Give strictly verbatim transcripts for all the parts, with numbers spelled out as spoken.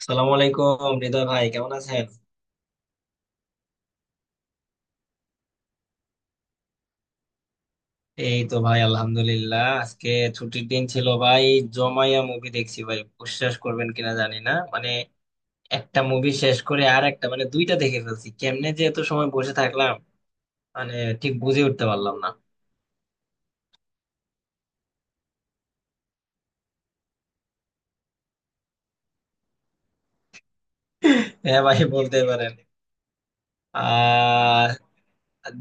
আসসালামু আলাইকুম, হৃদয় ভাই, কেমন আছেন? এই তো ভাই, আলহামদুলিল্লাহ। আজকে ছুটির দিন ছিল ভাই, জমাইয়া মুভি দেখছি ভাই। বিশ্বাস করবেন কিনা জানি না, মানে একটা মুভি শেষ করে আর একটা, মানে দুইটা দেখে ফেলছি। কেমনে যে এত সময় বসে থাকলাম, মানে ঠিক বুঝে উঠতে পারলাম না। হ্যাঁ ভাই, বলতে পারেন। আহ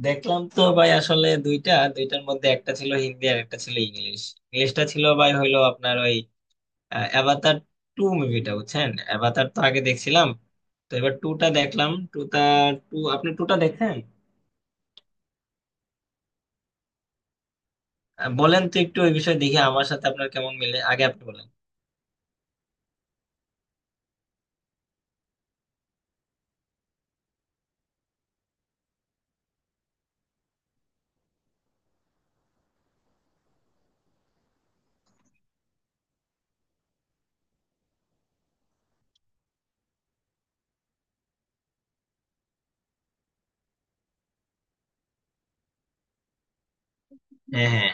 দেখলাম তো ভাই, আসলে দুইটা। দুইটার মধ্যে একটা ছিল হিন্দি আর একটা ছিল ইংলিশ। ইংলিশটা ছিল ভাই, হইলো আপনার অ্যাভাতার টু মুভিটা, বুঝছেন? অ্যাভাতার তো আগে দেখছিলাম, তো এবার টুটা দেখলাম। টুটা, টু, আপনি টুটা দেখেন? আহ, বলেন তো একটু ওই বিষয়ে, দেখি আমার সাথে আপনার কেমন মিলে। আগে আপনি বলেন। হ্যাঁ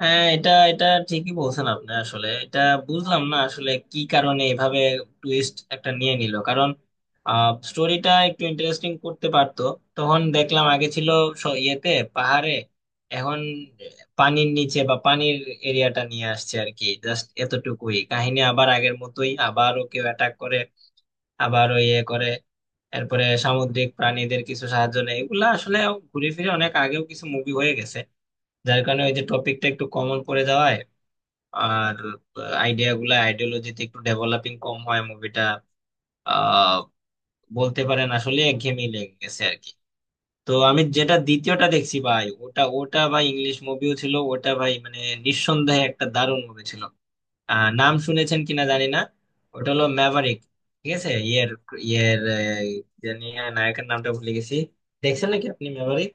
হ্যাঁ, এটা এটা ঠিকই বলছেন আপনি। আসলে এটা বুঝলাম না আসলে কি কারণে এভাবে টুইস্ট একটা নিয়ে নিল। কারণ স্টোরিটা একটু ইন্টারেস্টিং করতে পারতো। তখন দেখলাম আগে ছিল স- ইয়েতে, পাহাড়ে, এখন পানির নিচে বা পানির এরিয়াটা নিয়ে আসছে আর কি। জাস্ট এতটুকুই কাহিনী, আবার আগের মতোই আবারও কেউ অ্যাটাক করে, আবারও ইয়ে করে, এরপরে সামুদ্রিক প্রাণীদের কিছু সাহায্য নেয়। এগুলা আসলে ঘুরে ফিরে অনেক আগেও কিছু মুভি হয়ে গেছে, যার কারণে ওই যে টপিকটা একটু কমন পড়ে যাওয়ায়, আর আইডিয়া গুলা আইডিওলজিতে একটু ডেভেলপিং কম হয় মুভিটা। আহ বলতে পারেন আসলে একঘেয়েমি লেগে গেছে আর কি। তো আমি যেটা দ্বিতীয়টা দেখছি ভাই, ওটা ওটা ভাই ইংলিশ মুভিও ছিল। ওটা ভাই মানে নিঃসন্দেহে একটা দারুণ মুভি ছিল। আহ, নাম শুনেছেন কিনা জানি না। ওটা হলো ম্যাভারিক। ঠিক আছে, ইয়ের ইয়ের আহ, জানি না, নায়কের নামটা ভুলে গেছি। দেখছেন নাকি আপনি ম্যাভারিক?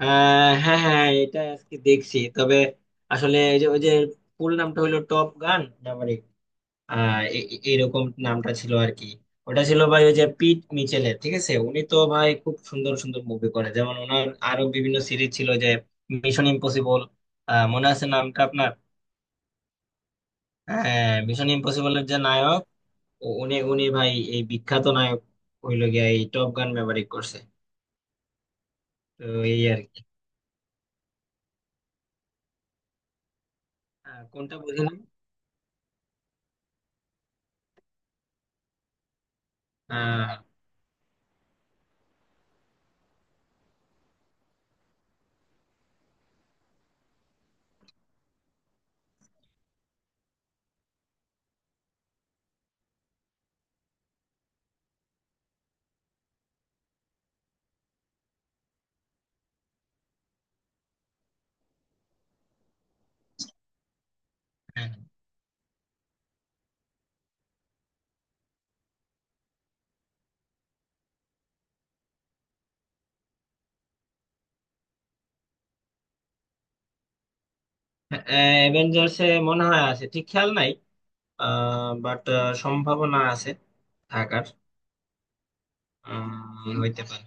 আহ হ্যাঁ হ্যাঁ, এটা আজকে দেখছি। তবে আসলে এই যে ওই যে ফুল নামটা হলো টপ গান ম্যাভারিক। আহ এ- এ- এরকম নামটা ছিল আর কি। ওটা ছিল ভাই ওই যে পিট মিচেলের, ঠিক আছে? উনি তো ভাই খুব সুন্দর সুন্দর মুভি করে। যেমন ওনার আরো বিভিন্ন সিরিজ ছিল যে মিশন ইম্পসিবল, মনে আছে নামটা আপনার? হ্যাঁ, মিশন ইম্পসিবলের যে নায়ক, উ- উনি উনি ভাই এই বিখ্যাত নায়ক হইলো গিয়া, এই টপ গান ব্যবহার করছে। তো এই আর কি। আহ, কোনটা বুঝি না। আহ, অ্যাভেঞ্জার্স এ মনে হয় আছে, ঠিক খেয়াল নাই। বাট সম্ভাবনা আছে থাকার। আহ, হইতে পারে।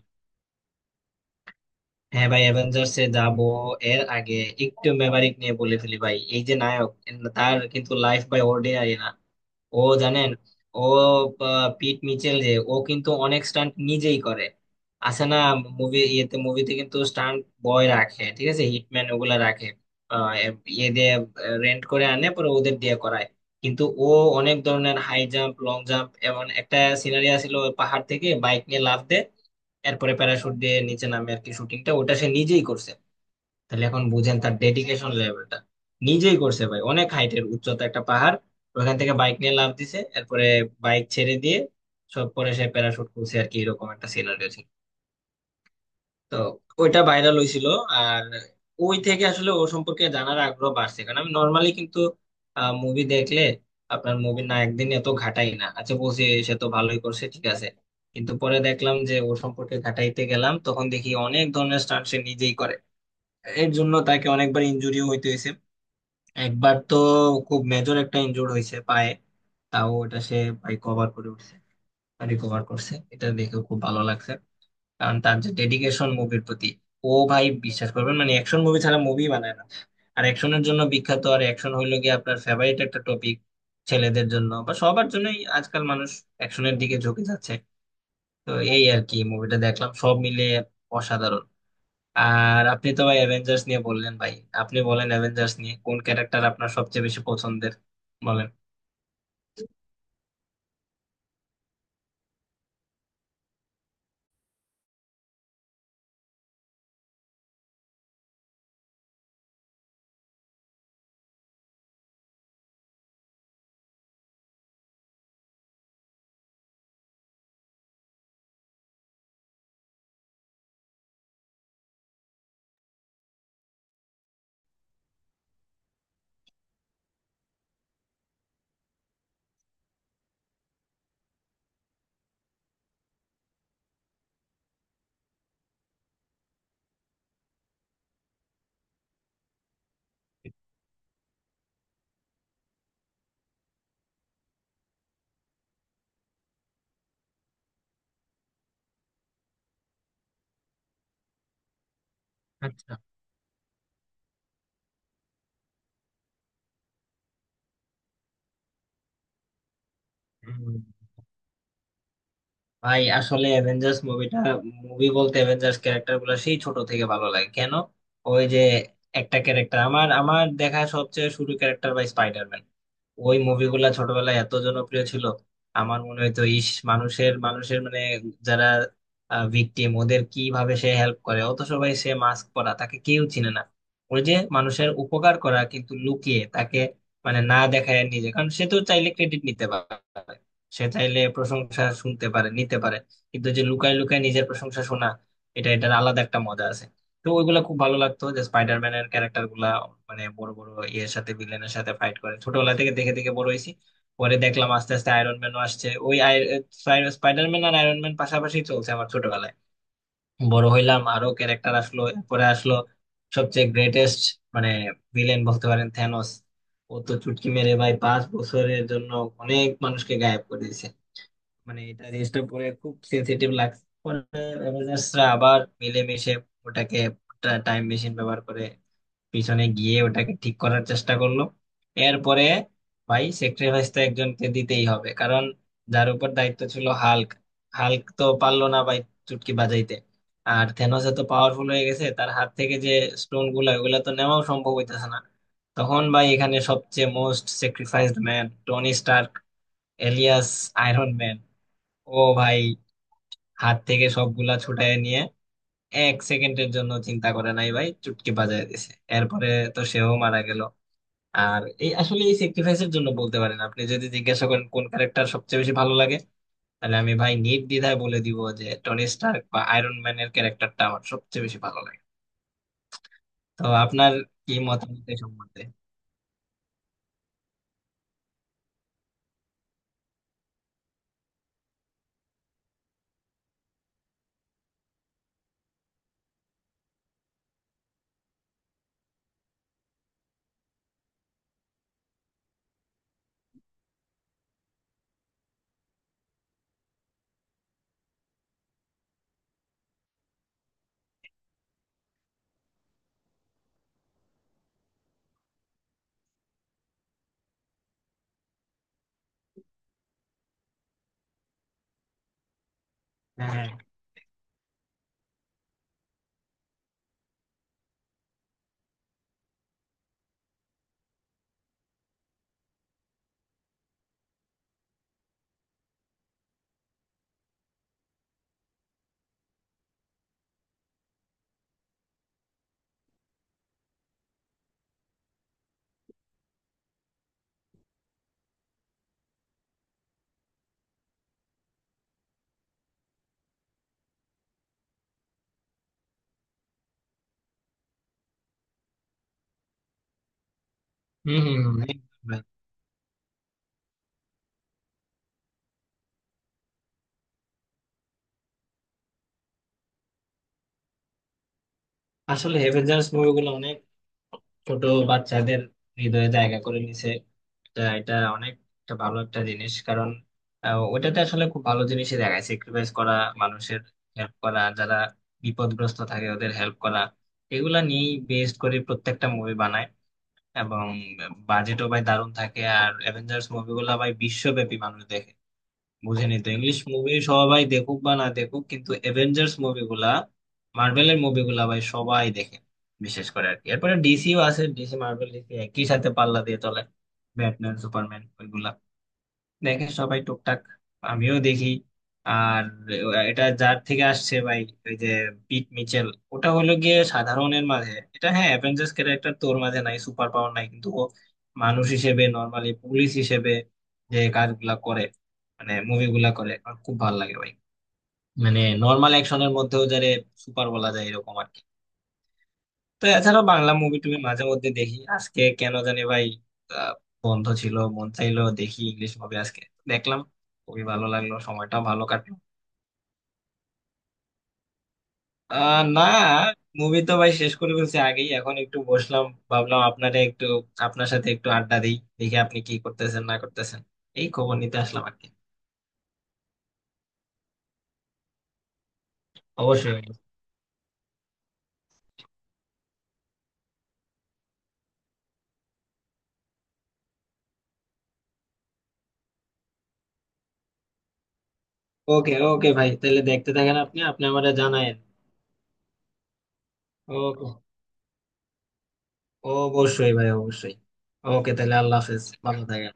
হ্যাঁ ভাই, অ্যাভেঞ্জার্স এ যাবো, এর আগে একটু মেমারিক নিয়ে বলে ফেলি ভাই। এই যে নায়ক, তার কিন্তু লাইফ বাই অর্ডিনারি না। ও জানেন, ও আহ, পিট মিচেল, যে ও কিন্তু অনেক স্টান্ট নিজেই করে, আছে না? মুভি ইয়েতে, মুভিতে কিন্তু স্টান্ট বয় রাখে, ঠিক আছে, হিটম্যান ওগুলা রাখে। আহ, এ- ইয়ে দিয়ে রেন্ট করে আনে, পরে ওদের দিয়ে করায়। কিন্তু ও অনেক ধরনের হাই জাম্প, লং জাম্প, এমন একটা সিনারি ছিল পাহাড় থেকে বাইক নিয়ে লাফ দেয়, এরপরে প্যারাশুট দিয়ে নিচে নামে আর কি। শুটিংটা ওটা সে নিজেই করছে। তাহলে এখন বুঝেন তার ডেডিকেশন লেভেলটা। নিজেই করছে ভাই, অনেক হাইটের উচ্চতা একটা পাহাড়, ওখান থেকে বাইক নিয়ে লাফ দিছে, এরপরে বাইক ছেড়ে দিয়ে সব পরে সে প্যারাশুট খুলছে আর কি। এরকম একটা সিনারিও, তো ওইটা ভাইরাল হয়েছিল। আর ওই থেকে আসলে ও সম্পর্কে জানার আগ্রহ বাড়ছে। কারণ আমি নর্মালি কিন্তু মুভি দেখলে, আপনার মুভি না একদিন এত ঘাটাই না, আচ্ছা বলছি সে তো ভালোই করছে, ঠিক আছে। কিন্তু পরে দেখলাম যে ও সম্পর্কে ঘাটাইতে গেলাম, তখন দেখি অনেক ধরনের স্টান্ট সে নিজেই করে। এর জন্য তাকে অনেকবার ইনজুরিও হইতে হয়েছে। একবার তো খুব মেজর একটা ইনজুর হয়েছে পায়ে, তাও ওটা সে ভাই কভার করে উঠছে, রিকভার করছে। এটা দেখে খুব ভালো লাগছে, কারণ তার যে ডেডিকেশন মুভির প্রতি। ও ভাই বিশ্বাস করবেন, মানে অ্যাকশন মুভি ছাড়া মুভি বানায় না, আর অ্যাকশনের জন্য বিখ্যাত। আর অ্যাকশন হইলো গিয়ে আপনার ফেভারিট একটা টপিক ছেলেদের জন্য বা সবার জন্যই। আজকাল মানুষ অ্যাকশনের দিকে ঝুঁকে যাচ্ছে। তো এই আর কি, মুভিটা দেখলাম সব মিলে অসাধারণ। আর আপনি তো ভাই অ্যাভেঞ্জার্স নিয়ে বললেন ভাই, আপনি বলেন অ্যাভেঞ্জার্স নিয়ে কোন ক্যারেক্টার আপনার সবচেয়ে বেশি পছন্দের, বলেন। আচ্ছা ভাই, আসলে অ্যাভেঞ্জার্স মুভিটা, মুভি বলতে অ্যাভেঞ্জার্স ক্যারেক্টার গুলো সেই ছোট থেকে ভালো লাগে কেন? ওই যে একটা ক্যারেক্টার, আমার আমার দেখা সবচেয়ে শুরু ক্যারেক্টার ভাই স্পাইডারম্যান। ওই মুভিগুলা ছোটবেলায় এত জনপ্রিয় ছিল, আমার মনে হইতো, ইস, মানুষের মানুষের মানে যারা ভিকটিম ওদের কিভাবে সে হেল্প করে, অত সবাই, সে মাস্ক পরা, তাকে কেউ চিনে না। ওই যে মানুষের উপকার করা কিন্তু লুকিয়ে, তাকে মানে না দেখায় নিজে। কারণ সে তো চাইলে ক্রেডিট নিতে পারে, সে চাইলে প্রশংসা শুনতে পারে, নিতে পারে, কিন্তু যে লুকায় লুকায় নিজের প্রশংসা শোনা, এটা এটার আলাদা একটা মজা আছে। তো ওইগুলা খুব ভালো লাগতো, যে স্পাইডারম্যানের ক্যারেক্টার গুলা মানে বড় বড় ইয়ের সাথে, ভিলেনের সাথে ফাইট করে, ছোটবেলা থেকে দেখে দেখে বড় হয়েছি। পরে দেখলাম আস্তে আস্তে আয়রন ম্যানও আসছে। ওই স্পাইডারম্যান আর আয়রন ম্যান পাশাপাশি চলছে আমার ছোটবেলায়। বড় হইলাম, আরো ক্যারেক্টার আসলো, পরে আসলো সবচেয়ে গ্রেটেস্ট মানে ভিলেন বলতে পারেন, থ্যানোস। ও তো চুটকি মেরে ভাই পাঁচ বছরের জন্য অনেক মানুষকে গায়েব করে দিয়েছে। মানে এটা জিনিসটা পরে খুব সেন্সিটিভ লাগছে। পরে অ্যাভেঞ্জার্সরা আবার মিলেমিশে ওটাকে টাইম মেশিন ব্যবহার করে পিছনে গিয়ে ওটাকে ঠিক করার চেষ্টা করলো। এরপরে ভাই, স্যাক্রিফাইস তো একজনকে দিতেই হবে। কারণ যার উপর দায়িত্ব ছিল হাল্ক, হাল্ক তো পারলো না ভাই চুটকি বাজাইতে। আর থেনোস তো পাওয়ারফুল হয়ে গেছে, তার হাত থেকে যে স্টোন গুলা ওগুলা তো নেওয়াও সম্ভব হইতেছে না। তখন ভাই এখানে সবচেয়ে most sacrificed man Tony Stark alias iron man. ও ভাই হাত থেকে সবগুলা ছুটায় নিয়ে এক সেকেন্ডের জন্য চিন্তা করে নাই ভাই, চুটকি বাজায় দিছে। এরপরে তো সেও মারা গেল। আর এই আসলে এই স্যাক্রিফাইসের জন্য বলতে পারেন, আপনি যদি জিজ্ঞাসা করেন কোন ক্যারেক্টার সবচেয়ে বেশি ভালো লাগে, তাহলে আমি ভাই নির্দ্বিধায় বলে দিব যে টনি স্টার্ক বা আয়রন ম্যানের ক্যারেক্টারটা আমার সবচেয়ে বেশি ভালো লাগে। তো আপনার কি মতামত এই সম্বন্ধে? হ্যাঁ, হম হম হম, একদম ভাই। আসলে অ্যাভেঞ্জার্স মুভিগুলো অনেক ছোট বাচ্চাদের হৃদয়ে জায়গা করে নিছে। তা এটা অনেক একটা ভালো একটা জিনিস, কারণ আহ, ওইটাতে আসলে খুব ভালো জিনিসই দেখায়, স্যাক্রিফাইস করা, মানুষের হেল্প করা, যারা বিপদগ্রস্ত থাকে ওদের হেল্প করা। এগুলা নিয়েই বেস্ট করে প্রত্যেকটা মুভি বানায়, এবং বাজেটও ভাই দারুণ থাকে। আর অ্যাভেঞ্জার্স মুভিগুলা ভাই বিশ্বব্যাপী মানুষ দেখে। বুঝিনি তো, ইংলিশ মুভি সবাই দেখুক বা না দেখুক, কিন্তু অ্যাভেঞ্জার্স মুভিগুলা, মার্ভেলের মুভিগুলা ভাই সবাই দেখে, বিশেষ করে আর কি। এরপরে ডিসিও আছে, ডিসি মার্ভেল, ডিসি একই সাথে পাল্লা দিয়ে চলে। ব্যাটম্যান, সুপারম্যান, ওইগুলা দেখে সবাই টুকটাক, আমিও দেখি। আর এটা যার থেকে আসছে ভাই, ওই যে পিট মিচেল, ওটা হলো গিয়ে সাধারণের মাঝে। এটা হ্যাঁ, অ্যাভেঞ্জার্স ক্যারেক্টার তোর মাঝে নাই, সুপার পাওয়ার নাই, কিন্তু ও মানুষ হিসেবে, নর্মালি পুলিশ হিসেবে যে কাজগুলা করে, মানে মুভিগুলা করে, আমার খুব ভালো লাগে ভাই। মানে নর্মাল অ্যাকশনের মধ্যেও যারে সুপার বলা যায়, এরকম আর কি। তো এছাড়াও বাংলা মুভি টুভি মাঝে মধ্যে দেখি। আজকে কেন জানি ভাই আহ, বন্ধ ছিল, মন চাইলো দেখি ইংলিশ মুভি আজকে। দেখলাম, খুবই ভালো লাগলো, সময়টা ভালো কাটলো। আহ, না, মুভি তো ভাই শেষ করে ফেলছি আগেই, এখন একটু বসলাম, ভাবলাম আপনারে একটু, আপনার সাথে একটু আড্ডা দিই, দেখি আপনি কি করতেছেন না করতেছেন, এই খবর নিতে আসলাম আর কি। অবশ্যই। ওকে ওকে ভাই, তাহলে দেখতে থাকেন আপনি, আপনি আমারে জানায়েন। ওকে, অবশ্যই ভাই, অবশ্যই। ওকে, তাহলে আল্লাহ হাফেজ, ভালো থাকেন।